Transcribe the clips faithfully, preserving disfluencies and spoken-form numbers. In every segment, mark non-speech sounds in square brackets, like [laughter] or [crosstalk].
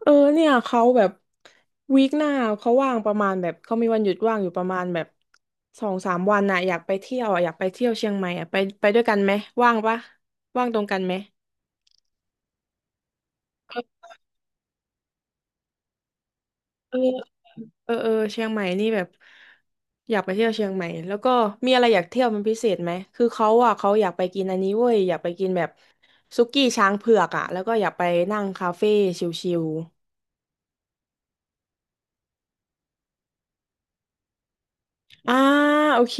เออเนี่ยเขาแบบวีคหน้าเขาว่างประมาณแบบเขามีวันหยุดว่างอยู่ประมาณแบบสองสามวันน่ะอยากไปเที่ยวอ่ะอยากไปเที่ยวเชียงใหม่อ่ะไปไปด้วยกันไหมว่างปะว่างตรงกันไหมเออเออเออเออเชียงใหม่นี่แบบอยากไปเที่ยวเชียงใหม่แล้วก็มีอะไรอยากเที่ยวเป็นพิเศษไหมคือเขาอ่ะเขาอยากไปกินอันนี้เว้ยอยากไปกินแบบสุกี้ช้างเผือกอ่ะแล้วก็อยากไปนั่งคาเฟ่ชิลๆอ่าโอเค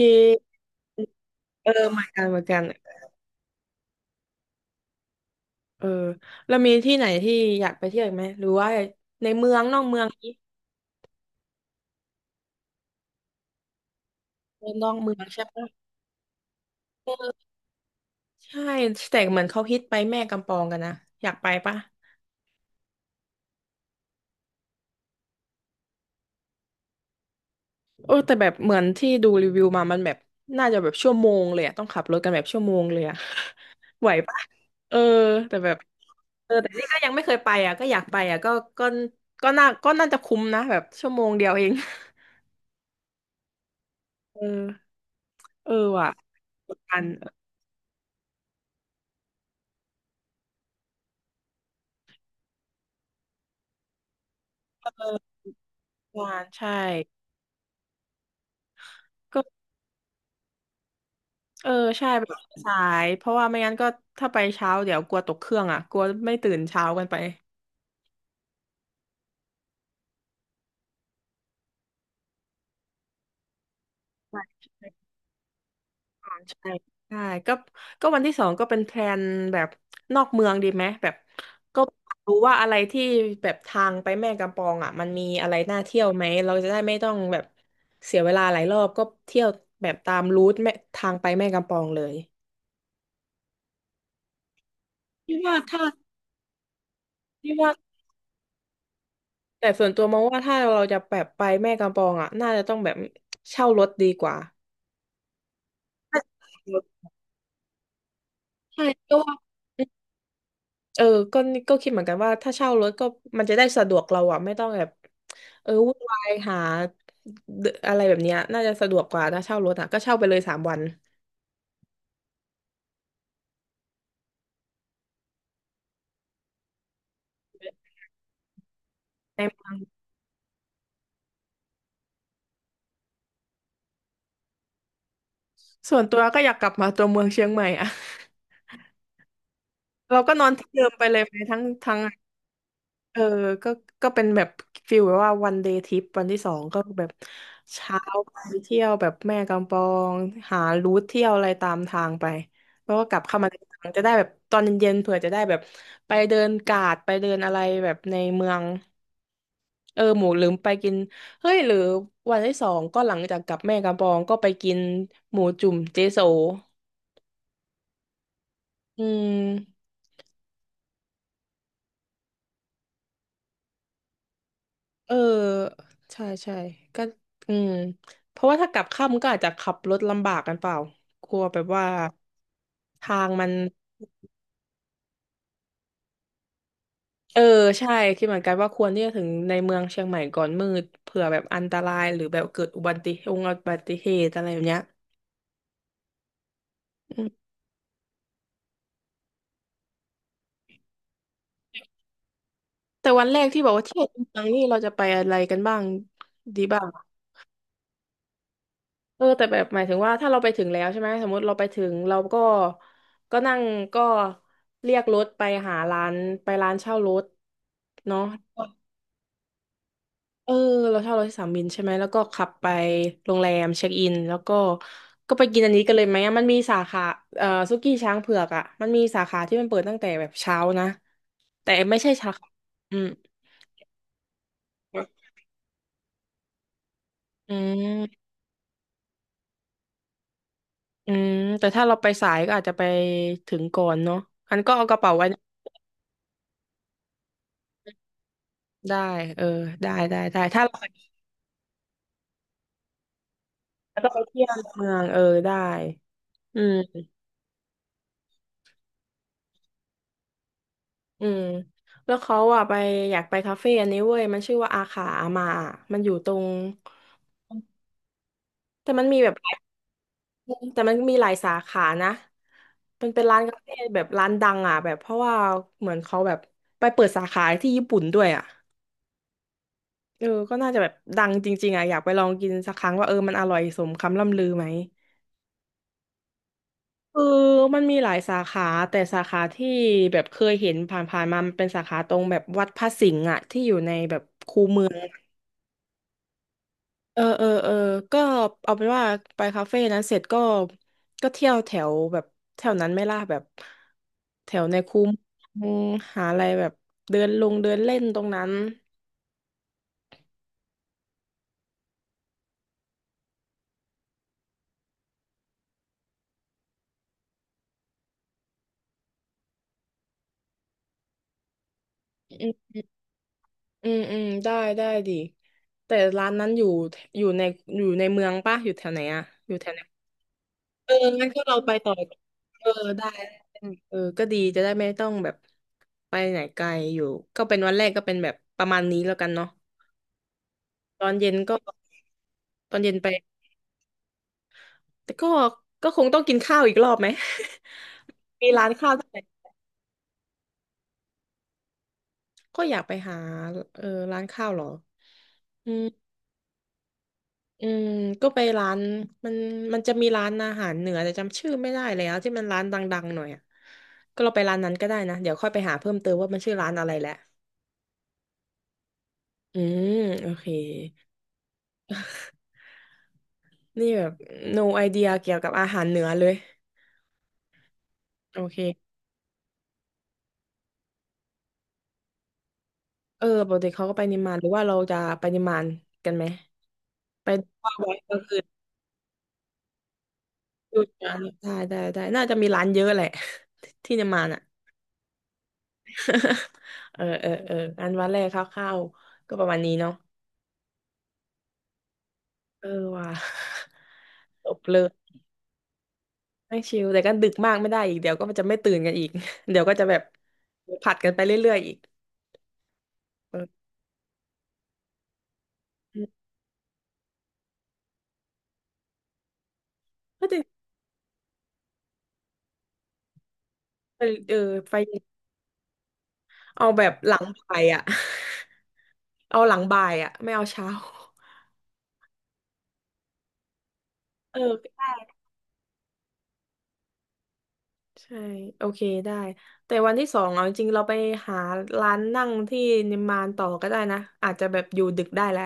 เออเหมือนกันเหมือนกัน เออแล้วมีที่ไหนที่อยากไปเที่ยวอีกไหมหรือว่าในเมืองนอกเมืองนี้ในนอกเมืองใช่ปะเออใช่แต่เหมือนเขาฮิตไปแม่กำปองกันนะอยากไปปะเออแต่แบบเหมือนที่ดูรีวิวมามันแบบน่าจะแบบชั่วโมงเลยอะต้องขับรถกันแบบชั่วโมงเลยอะ [laughs] ไหวปะเออแต่แบบเออแต่นี่ก็ยังไม่เคยไปอ่ะก็อยากไปอ่ะก็ก็ก็น่าก็น่าจะคุ้มนะแบบชั่วโมงเดียวเอง [laughs] เออเออว่ะกดดันเออกดดันใช่ก็ เออใช่ไปสายเพราะว่าไม่งั้นก็ถ้าไปเช้าเดี๋ยวกลัวตกเครื่องอ่ะกลัวไม่ตื่นเช้ากันไปใช่ใช่ใช่ใช่ก็ก็วันที่สองก็เป็นแพลนแบบนอกเมืองดีไหมแบบก็รู้ว่าอะไรที่แบบทางไปแม่กำปองอ่ะมันมีอะไรน่าเที่ยวไหมเราจะได้ไม่ต้องแบบเสียเวลาหลายรอบก็เที่ยวแบบตามรูทแม่ทางไปแม่กำปองเลยที่ว่าถ้าที่ว่าแต่ส่วนตัวมองว่าถ้าเราจะแบบไปแม่กำปองอ่ะน่าจะต้องแบบเช่ารถดีกว่า ใช่ก็ว่าเออก็ก็คิดเหมือนกันว่าถ้าเช่ารถก็มันจะได้สะดวกเราอะไม่ต้องแบบเออวุ่นวายหาเดอะไรแบบเนี้ยน่าจะสะดวกกว่าถ้าเช่ารถอะก็เช่าไปเลยสามวันในเมืองส่วนตัวก็อยากกลับมาตัวเมืองเชียงใหม่อะ [laughs] เราก็นอนที่เดิมไปเลยไหมทั้งทั้ง เออก็ก็เป็นแบบฟิลแบบว่าวันเดย์ทริปวันที่สองก็แบบเช้าไปเที่ยวแบบแม่กำปองหารูทเที่ยวอะไรตามทางไปแล้วก็กลับเข้ามาในเมืองจะได้แบบตอนเย็นๆเผื่อจะได้แบบไปเดินกาดไปเดินอะไรแบบในเมืองเออหมูลืมไปกินเฮ้ยหรือวันที่สองก็หลังจากกลับแม่กำปองก็ไปกินหมูจุ่มเจโซอืม เออใช่ใช่ก็อืมเพราะว่าถ้ากลับค่ำก็อาจจะขับรถลำบากกันเปล่ากลัวแบบว่าทางมันเออใช่คิดเหมือนกันว่าควรที่จะถึงในเมืองเชียงใหม่ก่อนมืดเผื่อแบบอันตรายหรือแบบเกิดอุบัติเหตุอุบัติเหตุอะไรแบบเนี้ยอืมแต่วันแรกที่บอกว่าเที่ยวเมืองนี่เราจะไปอะไรกันบ้างดีบ้าง เออแต่แบบหมายถึงว่าถ้าเราไปถึงแล้วใช่ไหมสมมติเราไปถึงเราก็ก็นั่งก็เรียกรถไปหาร้านไปร้านเช่ารถเนาะเออเราเช่ารถที่สนามบินใช่ไหมแล้วก็ขับไปโรงแรมเช็คอินแล้วก็ก็ไปกินอันนี้กันเลยไหมอะมันมีสาขาเอ่อสุกี้ช้างเผือกอ่ะมันมีสาขาที่มันเปิดตั้งแต่แบบเช้านะแต่ไม่ใช่สาขาอืมอืมอืมแต่ถ้าเราไปสายก็อาจจะไปถึงก่อนเนาะอันก็เอากระเป๋าไว้ ได้เออได้ได้ได้ถ้าเราไปแล้วก็ไปเที่ยวในเมืองเออได้อืมอืมแล้วเขาอ่ะไปอยากไปคาเฟ่อันนี้เว้ยมันชื่อว่าอาขาอามาอะมันอยู่ตรงแต่มันมีแบบหลายแต่มันมีหลายสาขานะมันเป็นร้านคาเฟ่แบบร้านดังอ่ะแบบเพราะว่าเหมือนเขาแบบไปเปิดสาขาที่ญี่ปุ่นด้วยอ่ะเออก็น่าจะแบบดังจริงๆอ่ะอยากไปลองกินสักครั้งว่าเออมันอร่อยสมคำล่ำลือไหม คือมันมีหลายสาขาแต่สาขาที่แบบเคยเห็นผ่านๆมามันเป็นสาขาตรงแบบวัดพระสิงห์อะที่อยู่ในแบบคูเมืองอะเออเออเออก็เอาเป็นว่าไปคาเฟ่นั้นเสร็จก็ก็เที่ยวแถวแบบแถวนั้นไหม่ล่ะแบบแถวในคูเมืองหาอะไรแบบเดินลงเดินเล่นตรงนั้นอืมอืมอืมได้ได้ดิแต่ร้านนั้นอยู่อยู่ในอยู่ในเมืองป่ะอยู่แถวไหนอะอยู่แถวไหน เอองั้นก็เราไปต่อเออได้เออก็ดีจะได้ไม่ต้องแบบไปไหนไกลอยู่ก็เป็นวันแรกก็เป็นแบบประมาณนี้แล้วกันเนาะตอนเย็นก็ตอนเย็นไปแต่ก็ก็คงต้องกินข้าวอีกรอบไหม [laughs] มีร้านข้าวที่ไหนก็อยากไปหาเออร้านข้าวเหรออืมอืมก็ไปร้านมันมันจะมีร้านอาหารเหนือแต่จำชื่อไม่ได้แล้วที่มันร้านดังๆหน่อยอะก็เราไปร้านนั้นก็ได้นะเดี๋ยวค่อยไปหาเพิ่มเติมว่ามันชื่อร้านอะไรแหละ อืมโอเคนี่แบบ no idea เกี่ยวกับอาหารเหนือเลยโอเคเออปกติเขาก็ไปนิมมานหรือว่าเราจะไปนิมมานกันไหมไปว่างไว้ก็คือดูร้านได้ได้ได้น่าจะมีร้านเยอะแหละ [laughs] ที่นิมมานอ่ะ [laughs] เออเออเอออันวันแรกคร่าวๆก็ประมาณนี้เนาะเออว่ะ [laughs] จบเลยไม่ชิลแต่ก็ดึกมากไม่ได้อีกเดี๋ยวก็จะไม่ตื่นกันอีก [laughs] เดี๋ยวก็จะแบบผัดกันไปเรื่อยๆอีกเออก็จะเออไฟ เอาแบบหลังบ่ายอ่ะ [laughs] เอาหลังบ่ายอ่ะไม่เอาเช้า เออได้ใช่โอเคได้แต่วันที่สองเอาจริงๆเราไปหาร้านนั่งที่นิมมานต่อก็ได้นะอาจจะแบบอยู่ดึกได้แล้ว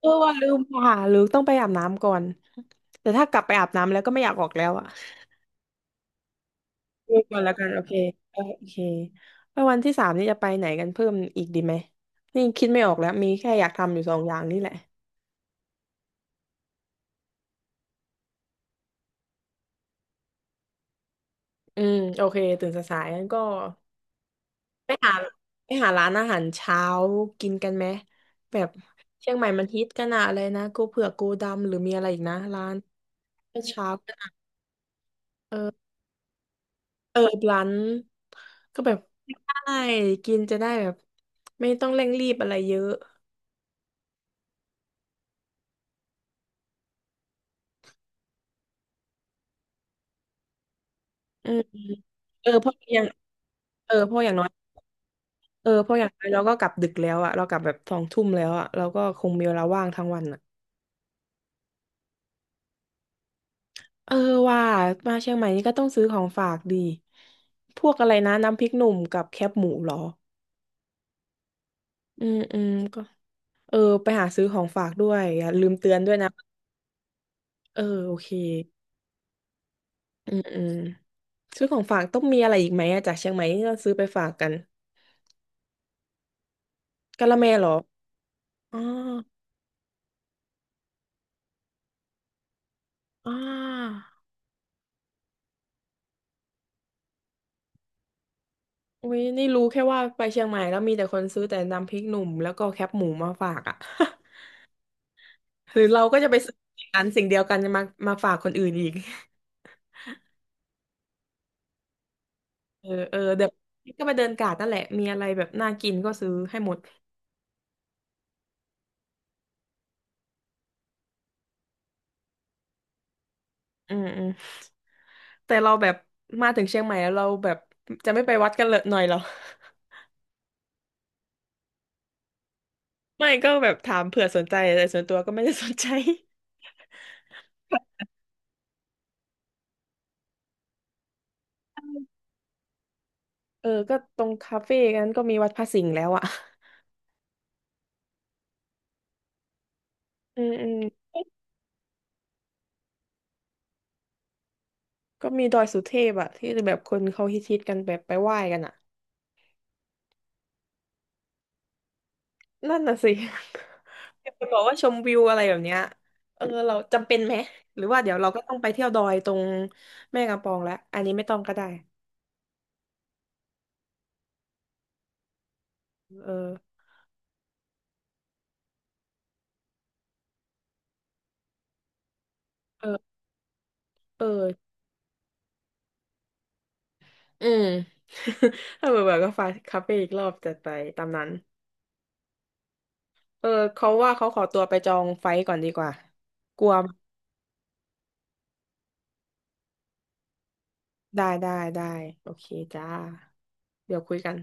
เออว่าลืมไปหาหรือต้องไปอาบน้ำก่อนแต่ถ้ากลับไปอาบน้ำแล้วก็ไม่อยากออกแล้วอ่ะดูก่อนแล้วกันโอเคเออโอเคแล้ววันที่สามนี่จะไปไหนกันเพิ่มอีกดีไหมนี่คิดไม่ออกแล้วมีแค่อยากทำอยู่สองอย่างนี่แหละอืมโอเคตื่นสายๆงั้นก็ ไปหาไปหาร้านอาหารเช้ากินกันไหมแบบเชียงใหม่มันฮิตกันอะอะไรนะกูเผือกกูดำหรือมีอะไรอีกนะร้านเช้ากันอะเออเออร้านก็แบบได้กินจะได้แบบไม่ต้องเร่งรีบอะไรเยอะอืมเออเพราะอย่างเออเพราะอย่างน้อยเออเพราะอย่างน้อยเราก็กลับดึกแล้วอะเรากลับแบบสองทุ่มแล้วอะเราก็คงมีเวลาว่างทั้งวันอะเออว่ามาเชียงใหม่นี่ก็ต้องซื้อของฝากดีพวกอะไรนะน้ำพริกหนุ่มกับแคบหมูเหรอ อืมอืมก็เออไปหาซื้อของฝากด้วยอย่าลืมเตือนด้วยนะเออโอเคอืมอืมซื้อของฝากต้องมีอะไรอีกไหมอะจากเชียงใหม่ที่เราซื้อไปฝากกันกะละแมเหรออ๋ออ่าอุ้ยนี่รู้แค่ว่าไปเชียงใหม่แล้วมีแต่คนซื้อแต่น้ำพริกหนุ่มแล้วก็แคปหมูมาฝากอะ [laughs] หรือเราก็จะไปซื้ออันสิ่งเดียวกันจะมามาฝากคนอื่นอีกเออเออเดี๋ยวก็ไปเดินกาดนั่นแหละมีอะไรแบบน่ากินก็ซื้อให้หมดอืมอืม แต่เราแบบมาถึงเชียงใหม่แล้วเราแบบจะไม่ไปวัดกันเลยหน่อยเหรอ [laughs] ไม่ก็แบบถามเผื่อสนใจแต่ส่วนตัวก็ไม่ได้สนใจ [laughs] เออก็ตรงคาเฟ่นั้นก็มีวัดพระสิงห์แล้วอ่ะ [laughs] อืมอืมก็มีดอยสุเทพอ่ะที่แบบคนเขาฮิตๆกันแบบไปไหว้กันอ่ะนั่นน่ะสิ [laughs] มีคนบอกว่าชมวิวอะไรแบบเนี้ยเออเราจำเป็นไหมหรือว่าเดี๋ยวเราก็ต้องไปเที่ยวดอยตรงแม่กำปองแล้วอันนี้ไม่ต้องก็ได้เออเออเออ อืม [laughs] ถ้าเบื่อเบื่อก็ฟาคาเฟ่อีกรอบจัดไปตามนั้น เออ เขาว่าเขาขอตัวไปจองไฟท์ก่อนดีกว่ากลัวได้ได้ได้ โอเคจ้า เดี๋ยวคุยกัน